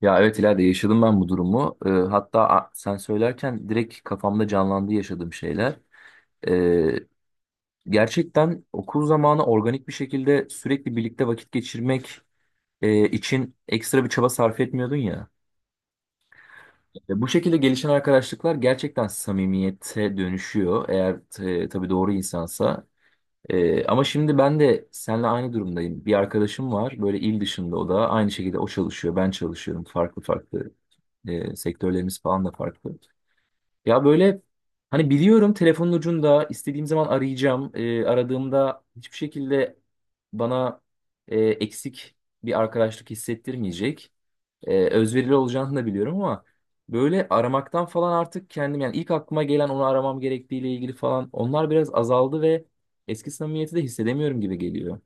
Ya evet ileride yaşadım ben bu durumu. Sen söylerken direkt kafamda canlandı yaşadığım şeyler. Ee, Gerçekten okul zamanı organik bir şekilde sürekli birlikte vakit geçirmek için ekstra bir çaba sarf etmiyordun ya. Bu şekilde gelişen arkadaşlıklar gerçekten samimiyete dönüşüyor. Eğer tabii doğru insansa. Ama şimdi ben de seninle aynı durumdayım. Bir arkadaşım var böyle il dışında, o da aynı şekilde, o çalışıyor, ben çalışıyorum, farklı farklı. Sektörlerimiz falan da farklı. Ya böyle hani biliyorum, telefonun ucunda istediğim zaman arayacağım. Aradığımda hiçbir şekilde bana eksik bir arkadaşlık hissettirmeyecek. Özverili olacağını da biliyorum, ama böyle aramaktan falan artık kendim, yani ilk aklıma gelen onu aramam gerektiğiyle ilgili falan, onlar biraz azaldı ve eski samimiyeti de hissedemiyorum gibi geliyor.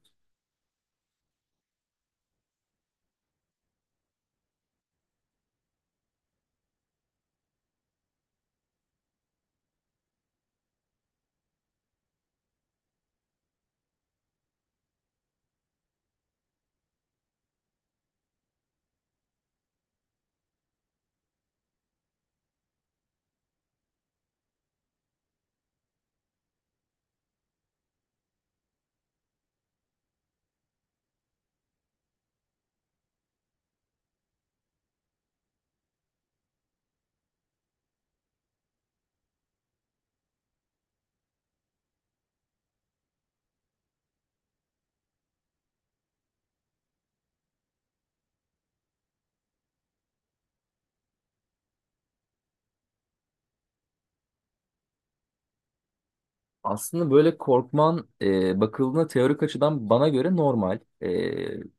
Aslında böyle korkman bakıldığında teorik açıdan bana göre normal.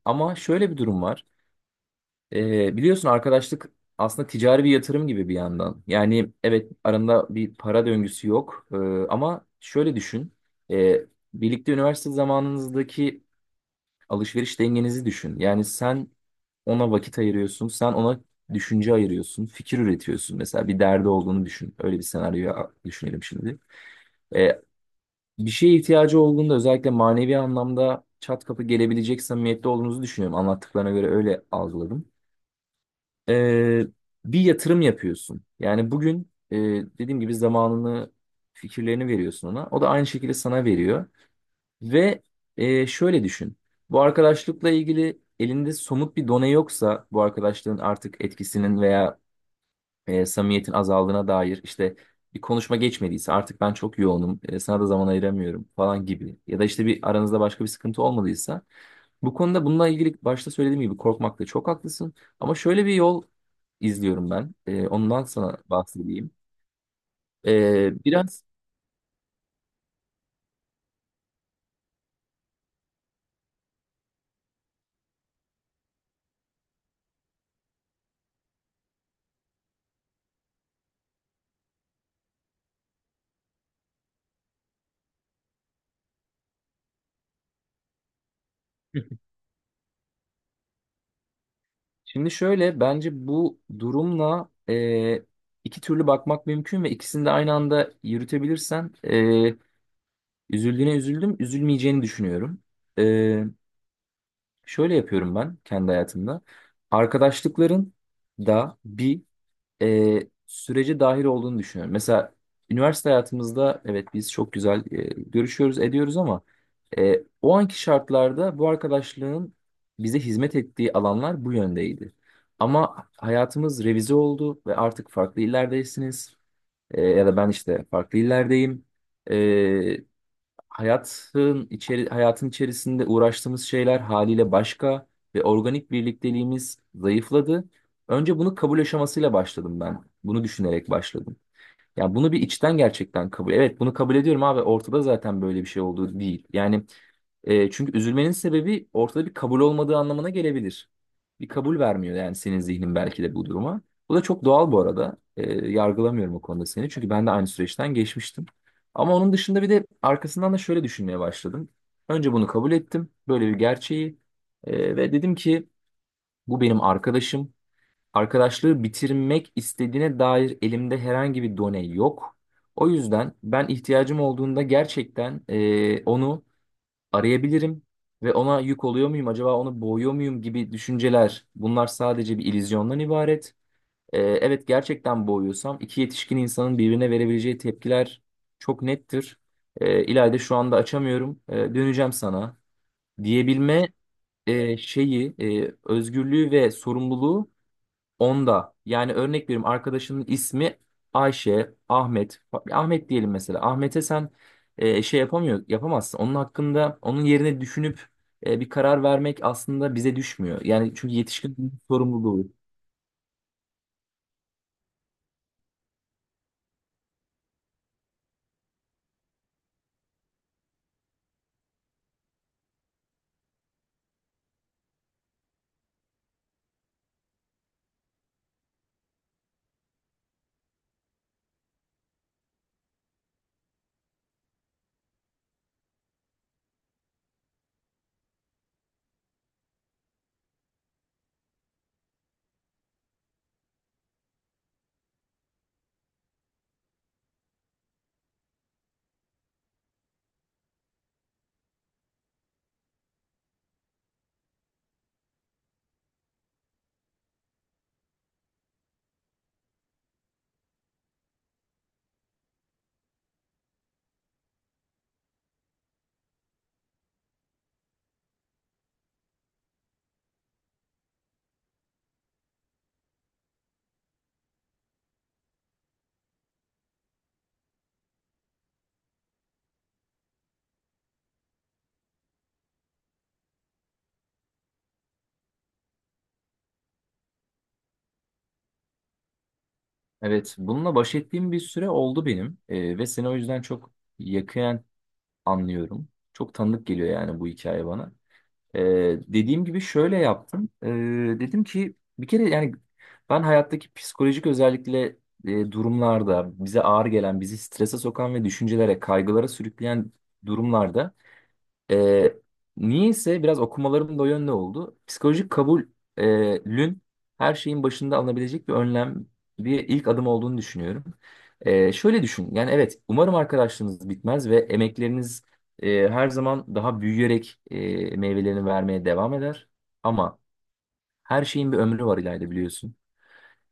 Ama şöyle bir durum var. Biliyorsun, arkadaşlık aslında ticari bir yatırım gibi bir yandan. Yani evet, aranda bir para döngüsü yok. Ama şöyle düşün. Ee, Birlikte üniversite zamanınızdaki alışveriş dengenizi düşün. Yani sen ona vakit ayırıyorsun, sen ona düşünce ayırıyorsun, fikir üretiyorsun. Mesela bir derdi olduğunu düşün. Öyle bir senaryoyu düşünelim şimdi. Ee, Bir şeye ihtiyacı olduğunda özellikle manevi anlamda çat kapı gelebilecek samimiyette olduğunuzu düşünüyorum. Anlattıklarına göre öyle algıladım. e, Bir yatırım yapıyorsun. Yani bugün dediğim gibi zamanını, fikirlerini veriyorsun ona. O da aynı şekilde sana veriyor. Ve şöyle düşün. Bu arkadaşlıkla ilgili elinde somut bir done yoksa, bu arkadaşlığın artık etkisinin veya samimiyetin azaldığına dair işte bir konuşma geçmediyse, artık ben çok yoğunum, sana da zaman ayıramıyorum falan gibi, ya da işte bir aranızda başka bir sıkıntı olmadıysa, bu konuda, bununla ilgili başta söylediğim gibi korkmakta çok haklısın, ama şöyle bir yol izliyorum ben, ondan sana bahsedeyim. E, biraz Şimdi şöyle, bence bu durumla iki türlü bakmak mümkün ve ikisini de aynı anda yürütebilirsen üzüldüğüne üzüldüm, üzülmeyeceğini düşünüyorum. E, Şöyle yapıyorum ben kendi hayatımda. Arkadaşlıkların da bir sürece dahil olduğunu düşünüyorum. Mesela üniversite hayatımızda evet biz çok güzel görüşüyoruz, ediyoruz, ama o anki şartlarda bu arkadaşlığın bize hizmet ettiği alanlar bu yöndeydi. Ama hayatımız revize oldu ve artık farklı illerdesiniz. Ya da ben işte farklı illerdeyim. E, Hayatın içerisinde uğraştığımız şeyler haliyle başka ve organik birlikteliğimiz zayıfladı. Önce bunu kabul aşamasıyla başladım ben. Bunu düşünerek başladım. Ya bunu bir içten gerçekten kabul. Evet, bunu kabul ediyorum abi. Ortada zaten böyle bir şey olduğu değil. Yani çünkü üzülmenin sebebi ortada bir kabul olmadığı anlamına gelebilir. Bir kabul vermiyor yani senin zihnin belki de bu duruma. Bu da çok doğal bu arada. Yargılamıyorum o konuda seni. Çünkü ben de aynı süreçten geçmiştim. Ama onun dışında bir de arkasından da şöyle düşünmeye başladım. Önce bunu kabul ettim. Böyle bir gerçeği. Ve dedim ki bu benim arkadaşım. Arkadaşlığı bitirmek istediğine dair elimde herhangi bir done yok. O yüzden ben, ihtiyacım olduğunda gerçekten onu arayabilirim ve ona yük oluyor muyum acaba, onu boğuyor muyum gibi düşünceler, bunlar sadece bir illüzyondan ibaret. Evet, gerçekten boğuyorsam iki yetişkin insanın birbirine verebileceği tepkiler çok nettir. İlayda şu anda açamıyorum, döneceğim sana diyebilme şeyi, özgürlüğü ve sorumluluğu onda, yani örnek veriyorum, arkadaşının ismi Ayşe, Ahmet. Ahmet diyelim mesela. Ahmet'e sen yapamazsın. Onun hakkında, onun yerine düşünüp bir karar vermek aslında bize düşmüyor. Yani çünkü yetişkin sorumluluğu. Evet, bununla baş ettiğim bir süre oldu benim. Ve seni o yüzden çok yakinen anlıyorum. Çok tanıdık geliyor yani bu hikaye bana. Dediğim gibi şöyle yaptım. Dedim ki bir kere yani ben, hayattaki psikolojik özellikle durumlarda bize ağır gelen, bizi strese sokan ve düşüncelere, kaygılara sürükleyen durumlarda, ee, niyeyse biraz okumalarım da o yönde oldu, psikolojik kabulün her şeyin başında alınabilecek bir önlem, bir ilk adım olduğunu düşünüyorum. Şöyle düşün, yani evet, umarım arkadaşlığınız bitmez ve emekleriniz her zaman daha büyüyerek meyvelerini vermeye devam eder. Ama her şeyin bir ömrü var ileride, biliyorsun.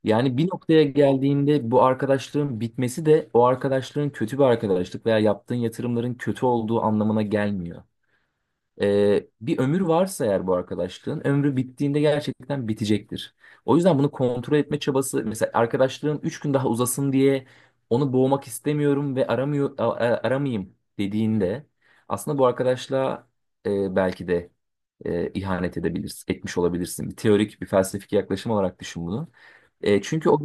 Yani bir noktaya geldiğinde bu arkadaşlığın bitmesi de o arkadaşlığın kötü bir arkadaşlık veya yaptığın yatırımların kötü olduğu anlamına gelmiyor. Bir ömür varsa eğer, bu arkadaşlığın ömrü bittiğinde gerçekten bitecektir. O yüzden bunu kontrol etme çabası, mesela arkadaşlığım 3 gün daha uzasın diye onu boğmak istemiyorum ve aramıyor aramayayım dediğinde aslında bu arkadaşlığa belki de ihanet edebilirsin, etmiş olabilirsin. Bir teorik, bir felsefik yaklaşım olarak düşün bunu. E, çünkü o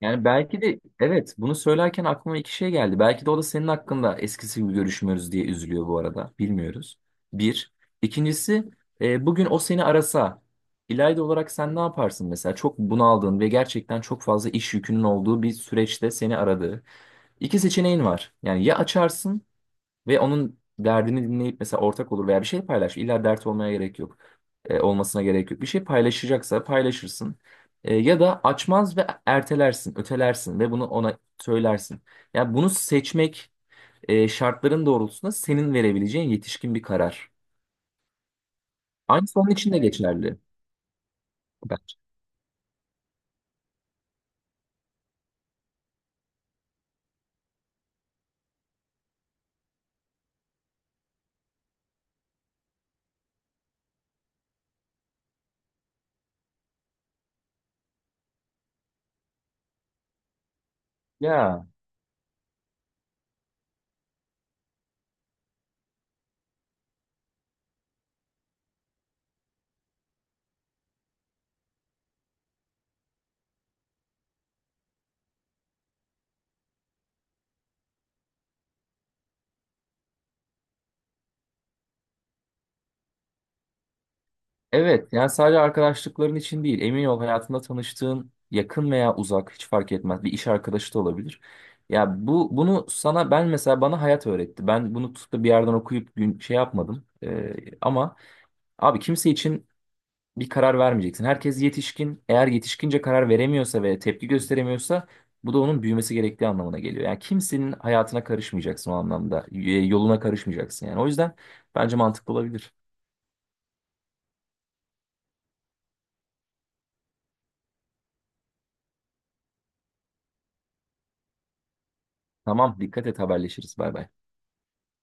Yani belki de, evet, bunu söylerken aklıma iki şey geldi. Belki de o da senin hakkında eskisi gibi görüşmüyoruz diye üzülüyor bu arada, bilmiyoruz. Bir. İkincisi, bugün o seni arasa, İlayda olarak sen ne yaparsın mesela? Çok bunaldığın ve gerçekten çok fazla iş yükünün olduğu bir süreçte seni aradığı... İki seçeneğin var. Yani ya açarsın ve onun derdini dinleyip mesela ortak olur veya bir şey paylaş. İlla dert olmaya gerek yok. Olmasına gerek yok. Bir şey paylaşacaksa paylaşırsın. Ya da açmaz ve ertelersin, ötelersin ve bunu ona söylersin. Yani bunu seçmek şartların doğrultusunda senin verebileceğin yetişkin bir karar. Aynı onun için de geçerli. Bence. Ya evet, yani sadece arkadaşlıkların için değil, emin ol, hayatında tanıştığın yakın veya uzak hiç fark etmez, bir iş arkadaşı da olabilir. Ya bu bunu sana ben, mesela bana hayat öğretti. Ben bunu tutup da bir yerden okuyup gün, şey yapmadım. Ama abi, kimse için bir karar vermeyeceksin. Herkes yetişkin. Eğer yetişkince karar veremiyorsa ve tepki gösteremiyorsa bu da onun büyümesi gerektiği anlamına geliyor. Yani kimsenin hayatına karışmayacaksın o anlamda. Yoluna karışmayacaksın yani. O yüzden bence mantıklı olabilir. Tamam, dikkat et, haberleşiriz. Bay bay.